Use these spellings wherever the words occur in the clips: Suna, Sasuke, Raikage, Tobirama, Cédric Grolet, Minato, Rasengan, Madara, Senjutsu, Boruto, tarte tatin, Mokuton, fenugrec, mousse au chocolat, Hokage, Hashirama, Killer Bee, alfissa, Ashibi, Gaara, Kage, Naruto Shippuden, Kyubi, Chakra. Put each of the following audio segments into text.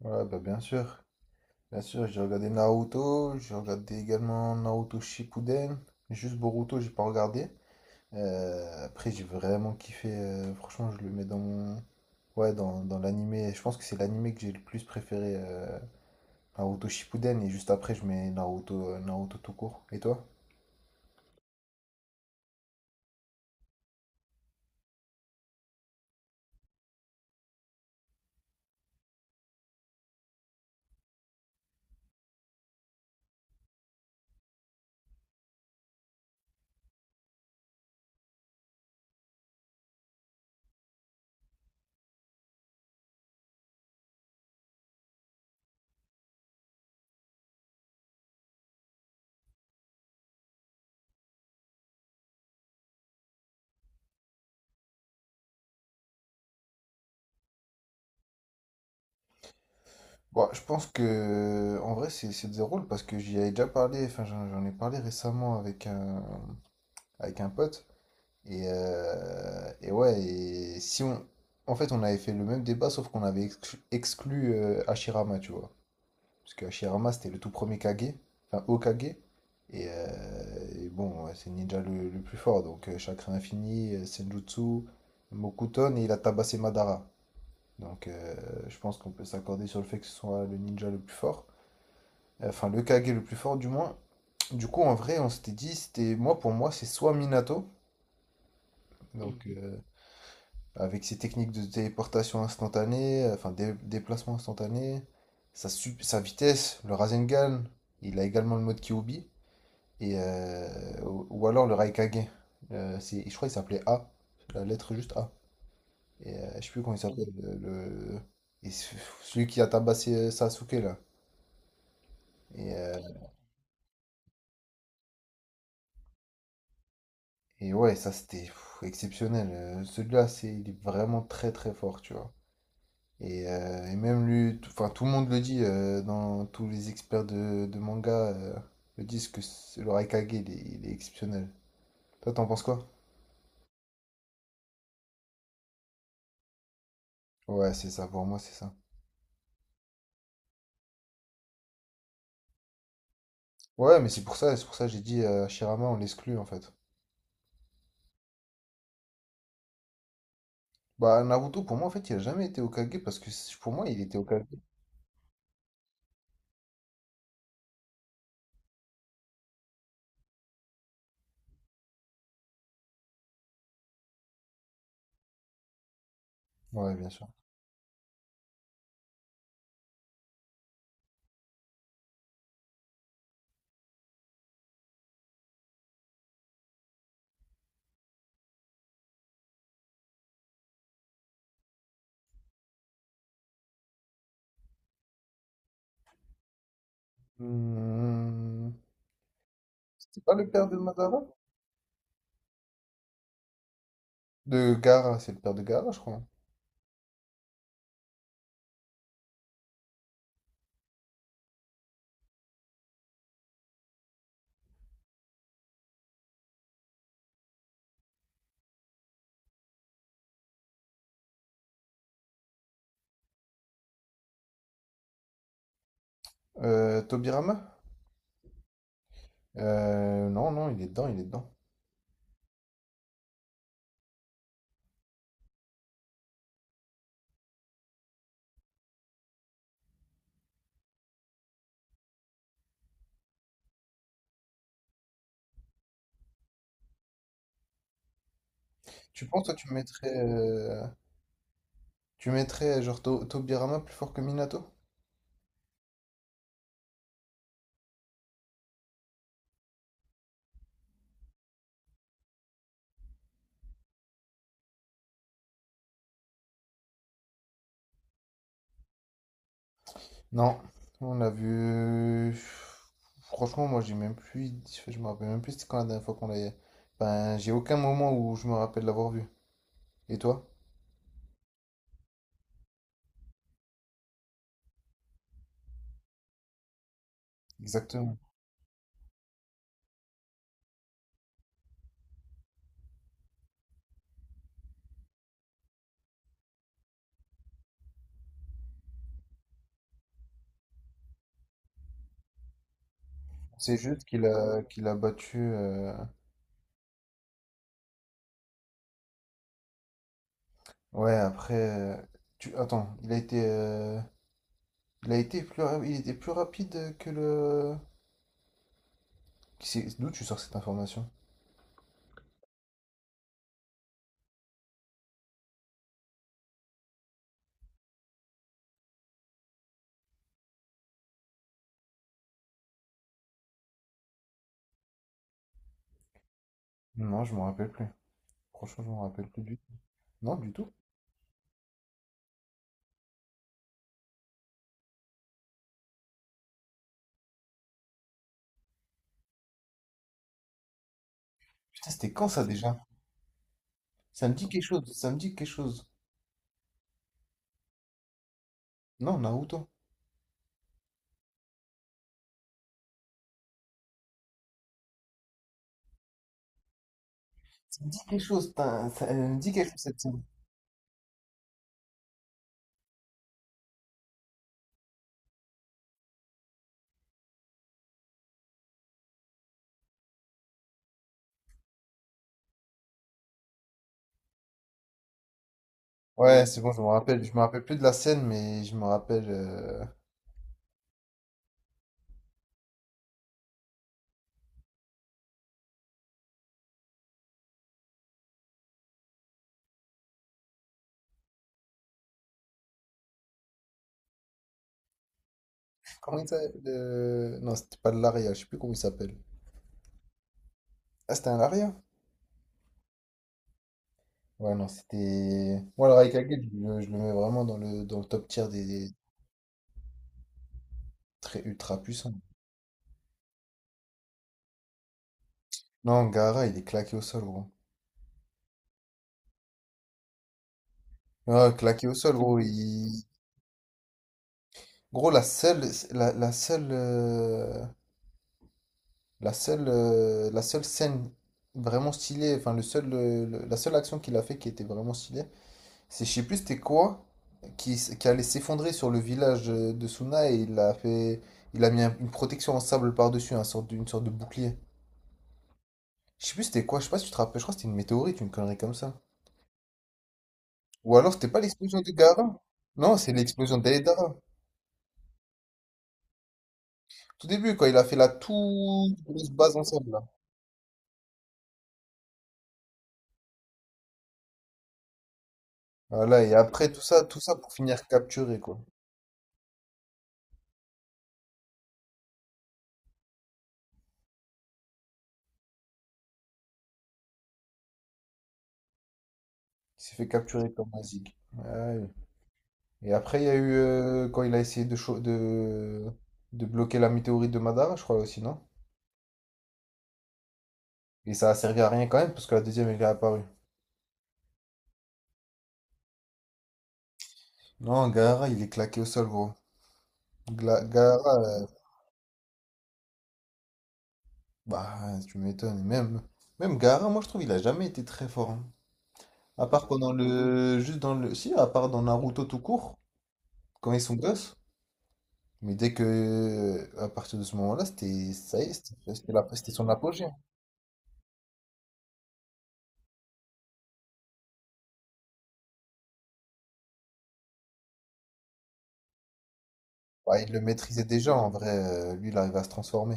Ouais, bah bien sûr. Bien sûr, j'ai regardé Naruto, j'ai regardé également Naruto Shippuden. Juste Boruto, j'ai pas regardé. Après, j'ai vraiment kiffé. Franchement, je le mets dans mon... Ouais, dans l'animé. Je pense que c'est l'animé que j'ai le plus préféré. Naruto Shippuden. Et juste après, je mets Naruto, Naruto tout court. Et toi? Bon, je pense que... En vrai, c'est des rôles parce que j'y avais déjà parlé. Enfin, j'en ai parlé récemment avec un pote. Et ouais, et si on... En fait, on avait fait le même débat, sauf qu'on avait exclu Hashirama, tu vois. Parce que Hashirama, c'était le tout premier Kage, enfin Hokage. Et bon, ouais, c'est le ninja le plus fort. Donc, Chakra Infini, Senjutsu, Mokuton, et il a tabassé Madara. Donc, je pense qu'on peut s'accorder sur le fait que ce soit le ninja le plus fort. Enfin, le Kage le plus fort, du moins. Du coup, en vrai, on s'était dit, c'était moi, pour moi, c'est soit Minato. Donc, Mhm. Avec ses techniques de téléportation instantanée, enfin déplacement instantané, sa, sa vitesse, le Rasengan, il a également le mode Kyubi, et ou alors le Raikage. C'est, je crois qu'il s'appelait A, la lettre juste A. Et je sais plus comment il s'appelle, le, et celui qui a tabassé Sasuke là. Et, euh, et ouais, ça c'était pff, exceptionnel. Celui-là, c'est, il est vraiment très très fort, tu vois. Et même lui, enfin tout le monde le dit, dans tous les experts de manga le disent que le Raikage, il est exceptionnel. Toi, t'en penses quoi? Ouais, c'est ça, pour moi, c'est ça. Ouais, mais c'est pour ça que j'ai dit Shirama, on l'exclut en fait. Bah, Naruto, pour moi, en fait, il a jamais été Hokage parce que pour moi, il était Hokage. Ouais, bien sûr. Hmm. C'était pas le père de Madara? De Gaara, c'est le père de Gaara, je crois. Tobirama? Non, non, il est dedans, il est dedans. Tu penses, toi, tu mettrais tu mettrais genre Tobirama plus fort que Minato? Non, on l'a vu. Franchement, moi j'ai même plus. Je me rappelle même plus c'était quand la dernière fois qu'on l'a. Ben, j'ai aucun moment où je me rappelle l'avoir vu. Et toi? Exactement. C'est juste qu'il a battu. Ouais, après. Tu... Attends, il a été. Il a été plus il était plus rapide que le. D'où tu sors cette information? Non, je me rappelle plus. Franchement, je me rappelle plus du tout. Non, du tout. Putain, c'était quand ça déjà? Ça me dit quelque chose, ça me dit quelque chose. Non, Naruto. Ça me dit quelque chose, putain, ça elle me dit quelque chose cette scène. Ouais, c'est bon, je me rappelle. Je me rappelle plus de la scène, mais je me rappelle. Comment il s'appelle non, c'était pas de l'aria, je sais plus comment il s'appelle. Ah, c'était un l'aria? Ouais, non, c'était. Moi, le Raikage, je le mets vraiment dans le top tier des très ultra puissants. Non, Gaara, il est claqué au sol, gros. Ah, claqué au sol, gros. Il... Gros, la seule, la seule, la seule, la seule scène vraiment stylée, enfin le seul, la seule action qu'il a fait qui était vraiment stylée, c'est je sais plus c'était quoi qui, qui allait s'effondrer sur le village de Suna et il a fait, il a mis une protection en sable par-dessus, une sorte de bouclier. Je sais plus c'était quoi, je sais pas si tu te rappelles, je crois que c'était une météorite, une connerie comme ça. Ou alors c'était pas l'explosion de Gaara? Non, c'est l'explosion d'Aedara. Tout début quand il a fait la toute grosse base en sable là. Voilà et après tout ça pour finir capturé quoi. Il s'est fait capturer comme Mazig. Ouais. Et après, il y a eu quand il a essayé de, de bloquer la météorite de Madara, je crois aussi, non? Et ça a servi à rien quand même, parce que la deuxième, elle est apparue. Non, Gaara, il est claqué au sol, gros. Gaara, euh, bah, tu m'étonnes. Même, même Gaara, moi, je trouve, il a jamais été très fort, hein. À part pendant le. Juste dans le. Si, à part dans Naruto tout court, quand ils sont gosses. Mais dès que. À partir de ce moment-là, c'était. Ça y est, c'était c'était son apogée. Bah, il le maîtrisait déjà en vrai, lui il arrive à se transformer.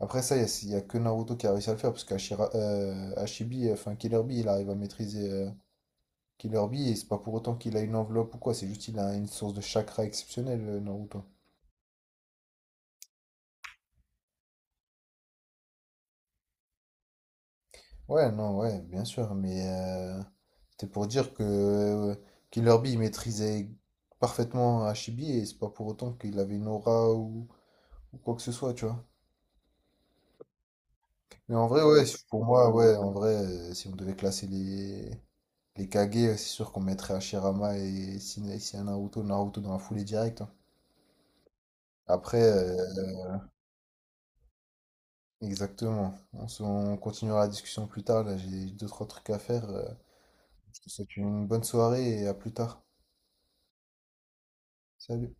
Après ça, il n'y a, y a que Naruto qui a réussi à le faire parce qu'Ashira, Ashibi, enfin Killer Bee, il arrive à maîtriser Killer Bee et c'est pas pour autant qu'il a une enveloppe ou quoi, c'est juste qu'il a une source de chakra exceptionnelle, Naruto. Ouais, non, ouais, bien sûr, mais c'était pour dire que Killer Bee il maîtrisait parfaitement Ashibi et c'est pas pour autant qu'il avait une aura ou quoi que ce soit, tu vois. Mais en vrai, ouais, pour moi, ouais, en vrai, si on devait classer les Kage, c'est sûr qu'on mettrait Hashirama et un Naruto, Naruto dans la foulée directe, hein. Après, exactement. On, on continuera la discussion plus tard. Là, j'ai deux, trois trucs à faire. Je te souhaite une bonne soirée et à plus tard. Salut.